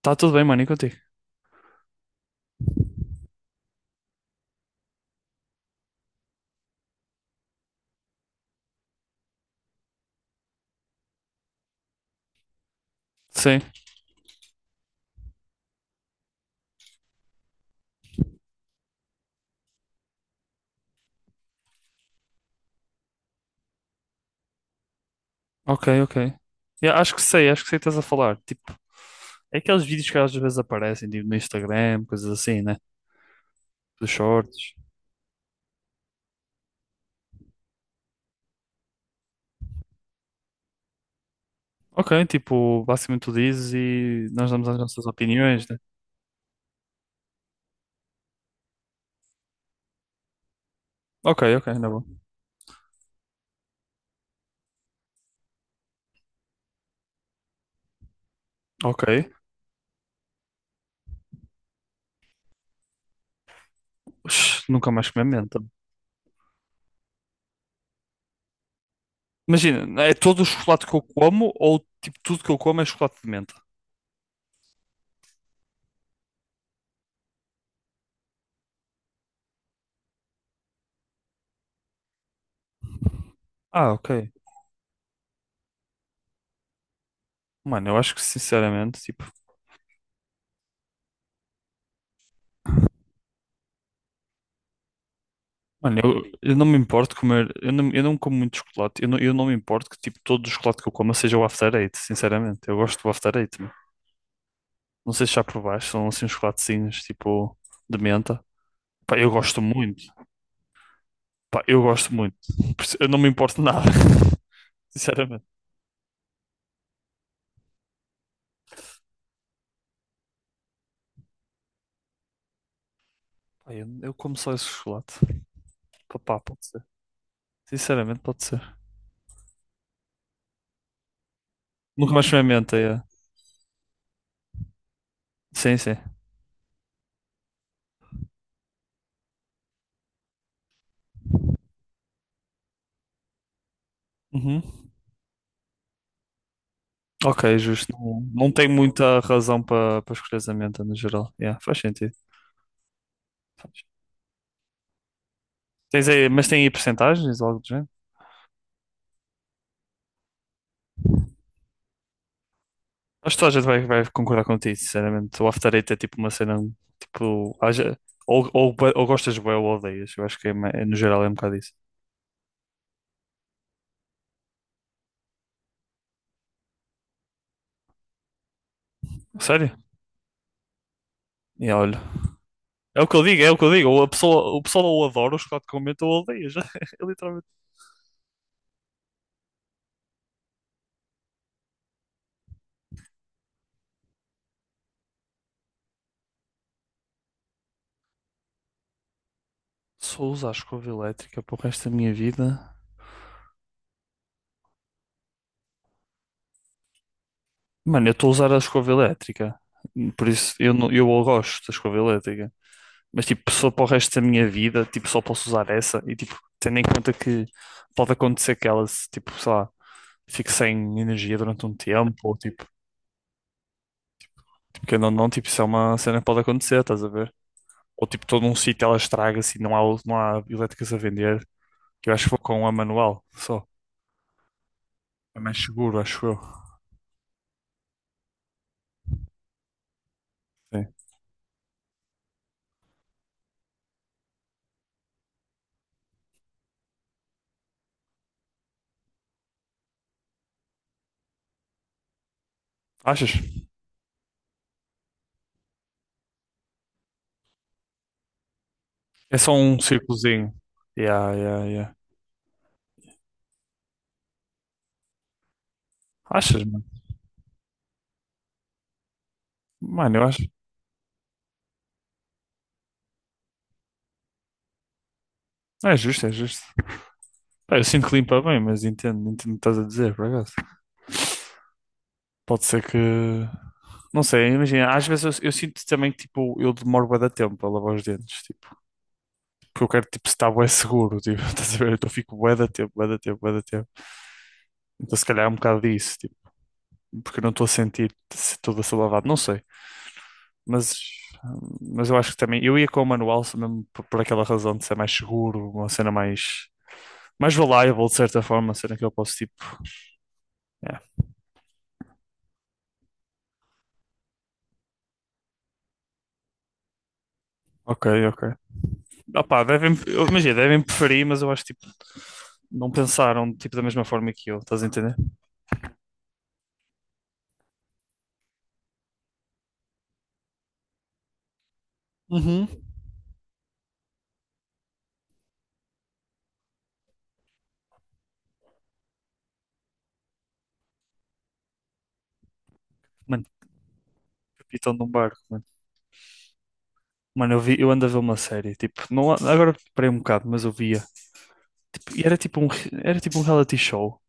Tá tudo bem, mano, e contigo? Sim, ok, ok. Yeah, acho que sei o que estás a falar. Tipo, é aqueles vídeos que às vezes aparecem, tipo, no Instagram, coisas assim, né? Dos shorts. Ok, tipo, basicamente tu dizes e nós damos as nossas opiniões, né? Ok, ok, na boa. Ok. Ux, nunca mais comi menta. Imagina, é todo o chocolate que eu como ou, tipo, tudo que eu como é chocolate de menta? Ah, ok. Mano, eu acho que, sinceramente, tipo, Mano, eu não me importo comer, eu não como muito chocolate, eu não me importo que tipo todo o chocolate que eu coma seja o After Eight, sinceramente. Eu gosto do After Eight, meu. Não sei se já provaste, são assim uns chocolatezinhos tipo de menta. Pá, eu gosto muito, pá, eu gosto muito. Por isso, eu não me importo de nada, sinceramente. Pá, eu como só esse chocolate. Pá, pode ser. Sinceramente, pode ser. Nunca mais comi a menta, é. Sim, sim. Uhum. Ok, justo. Não, não tem muita razão para escolher a menta no geral. Yeah, faz sentido. Tens aí, mas tem aí percentagens, algo do género? Acho que toda a gente vai concordar contigo, sinceramente. O After Eight é tipo uma cena, tipo, ou gostas bué ou odeias. Eu acho que é, no geral é um bocado isso. Sério? E olha, é o que eu digo, é o que eu digo. Ou o pessoal ou adora o chocolate com menta ou odeias. É literalmente. Só usar a escova elétrica para o resto da minha vida. Mano, eu estou a usar a escova elétrica. Por isso, eu, não, eu gosto da escova elétrica. Mas tipo, só para o resto da minha vida, tipo, só posso usar essa e tipo, tendo em conta que pode acontecer que ela, se, tipo, sei lá, fique sem energia durante um tempo, ou tipo, tipo que não, tipo, isso é uma cena que pode acontecer, estás a ver? Ou tipo, todo um sítio ela estraga-se e não há elétricas a vender, que eu acho que vou com a manual só. É mais seguro, acho eu. Sim. Achas? É só um círculozinho. Yeah, yeah, yeah. Achas, mano? Mano, eu acho. É justo, é justo. Pá, eu sinto que limpa bem, mas entendo o que estás a dizer, por acaso. Pode ser que. Não sei, imagina, às vezes eu sinto também que tipo, eu demoro bué da tempo a lavar os dentes, tipo, porque eu quero tipo, estar bué seguro, tipo, estás a ver? Então eu fico bué da tempo, bué da tempo, bué da tempo. Então se calhar é um bocado disso, tipo, porque eu não estou a sentir se tudo a ser lavado, não sei. Mas, mas eu acho que também, eu ia com o manual só mesmo por aquela razão de ser mais seguro, uma cena mais reliable de certa forma, uma cena que eu posso tipo. É. Ok, ok. Opá, devem, imagina, devem preferir, mas eu acho tipo, não pensaram tipo, da mesma forma que eu, estás a entender? Uhum. Mano, capitão de um barco, mano. Mano, eu ando a ver uma série, tipo, não, agora parei um bocado, mas eu via, tipo, e era tipo era tipo um reality show,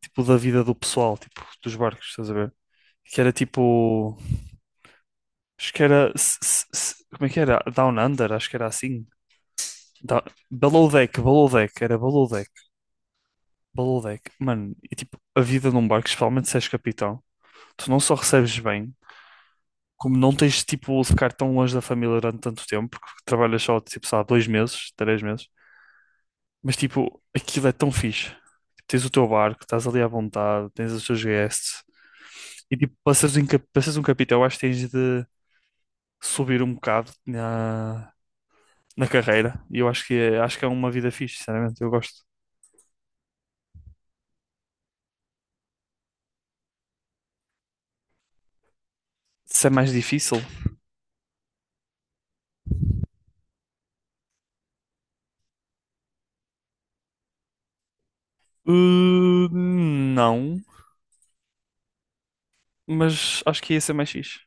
tipo, da vida do pessoal, tipo, dos barcos, estás a ver? Que era tipo, acho que era, como é que era? Down Under, acho que era assim. Da- Below Deck, Below Deck, era Below Deck, Below Deck. Mano, e tipo, a vida num barco, especialmente se és capitão, tu não só recebes bem, como não tens tipo de ficar tão longe da família durante tanto tempo, porque trabalhas só tipo, sei lá, 2 meses, 3 meses, mas tipo, aquilo é tão fixe. Tens o teu barco, estás ali à vontade, tens os teus guests, e tipo, para seres para seres um capitão, eu acho que tens de subir um bocado na, carreira, e eu acho que, acho que é uma vida fixe, sinceramente, eu gosto. Se é mais difícil? Não, mas acho que ia ser mais fixe.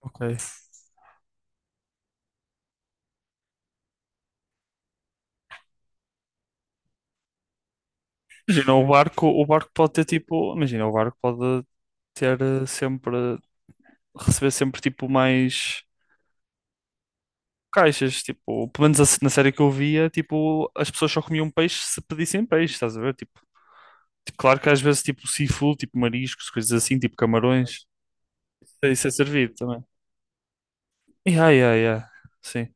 Ok. Imagina, o barco pode ter tipo. Imagina, o barco pode ter sempre. Receber sempre tipo mais caixas. Tipo, pelo menos a se- na série que eu via, tipo, as pessoas só comiam peixe se pedissem peixe, estás a ver? Tipo, claro que às vezes tipo seafood, tipo mariscos, coisas assim, tipo camarões. Isso é servido também. Yeah, yeah, yeah. Sim.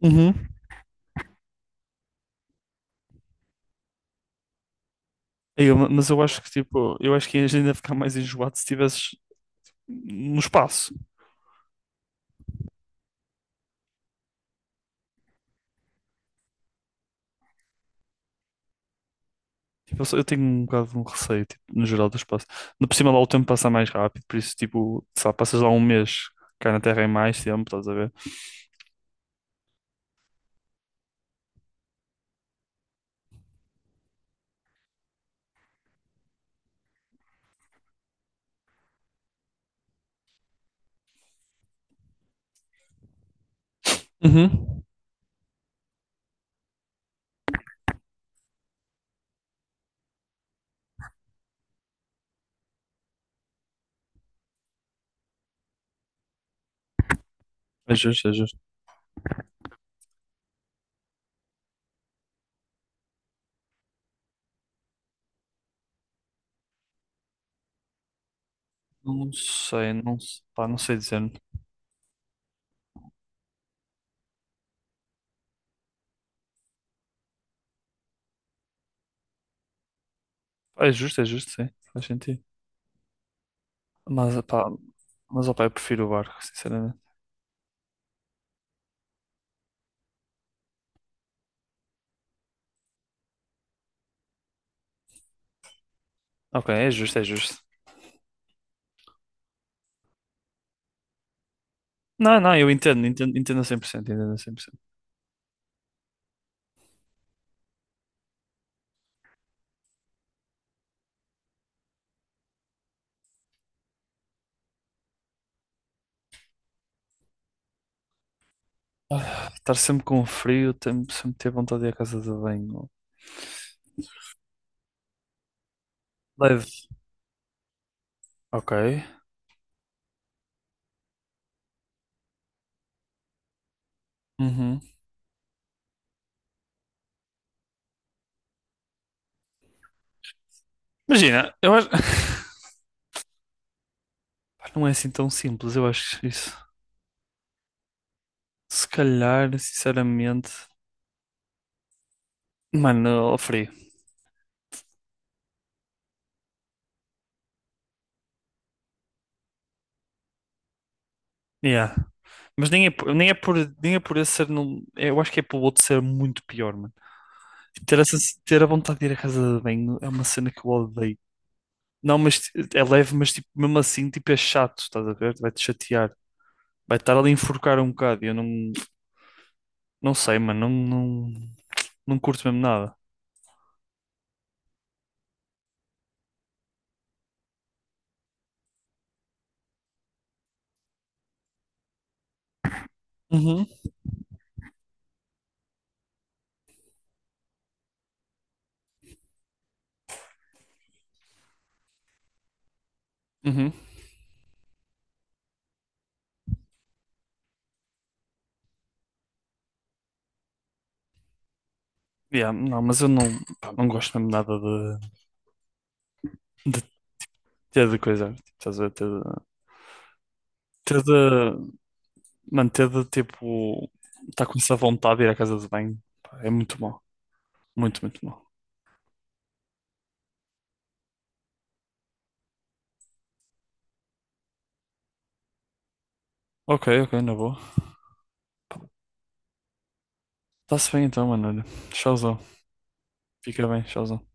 Uhum. Mas eu acho que tipo, eu acho que ias ainda ficar mais enjoado se estivesses no espaço. Tipo, eu tenho um bocado de um receio, tipo, no geral do espaço. No por cima lá o tempo passa mais rápido, por isso, tipo, sei lá, passas lá um mês, cá na Terra é mais tempo, estás a ver? Uhum. É justo, é justo. Não sei, não, pá, não sei dizer. É justo, sim, faz sentido. Mas, pá, mas, ó, pá, eu prefiro o barco, sinceramente. Ok, é justo, é justo. Não, não, eu entendo, entendo, entendo a 100% entendo a 100%. Ah, estar sempre com frio, sempre ter vontade de ir à casa de banho. Leve. Ok. Uhum. Imagina, eu acho. Pá, não é assim tão simples, eu acho isso. Se calhar, sinceramente, mano, ao frio. Yeah. Mas nem é, nem é por esse ser, não, é, eu acho que é pelo outro ser muito pior, mano. Ter, essa, ter a vontade de ir à casa de banho é uma cena que eu odeio. Não, mas é leve, mas tipo, mesmo assim, tipo, é chato, estás a ver? Vai-te chatear. Vai estar ali a enforcar um bocado. E eu não, não sei, mano, não, não curto mesmo nada. Uhum. Uhum. Yeah, não, mas eu não, pá, não gosto mesmo nada de, ter de coisa, tipo, estás a ver, ter de, mano, ter de tipo, estar com essa vontade de ir à casa de banho, pá, é muito mau, muito, muito mau. Ok, ok, na boa. Está-se bem então, mano, olha, tchauzão, fica bem, tchauzão.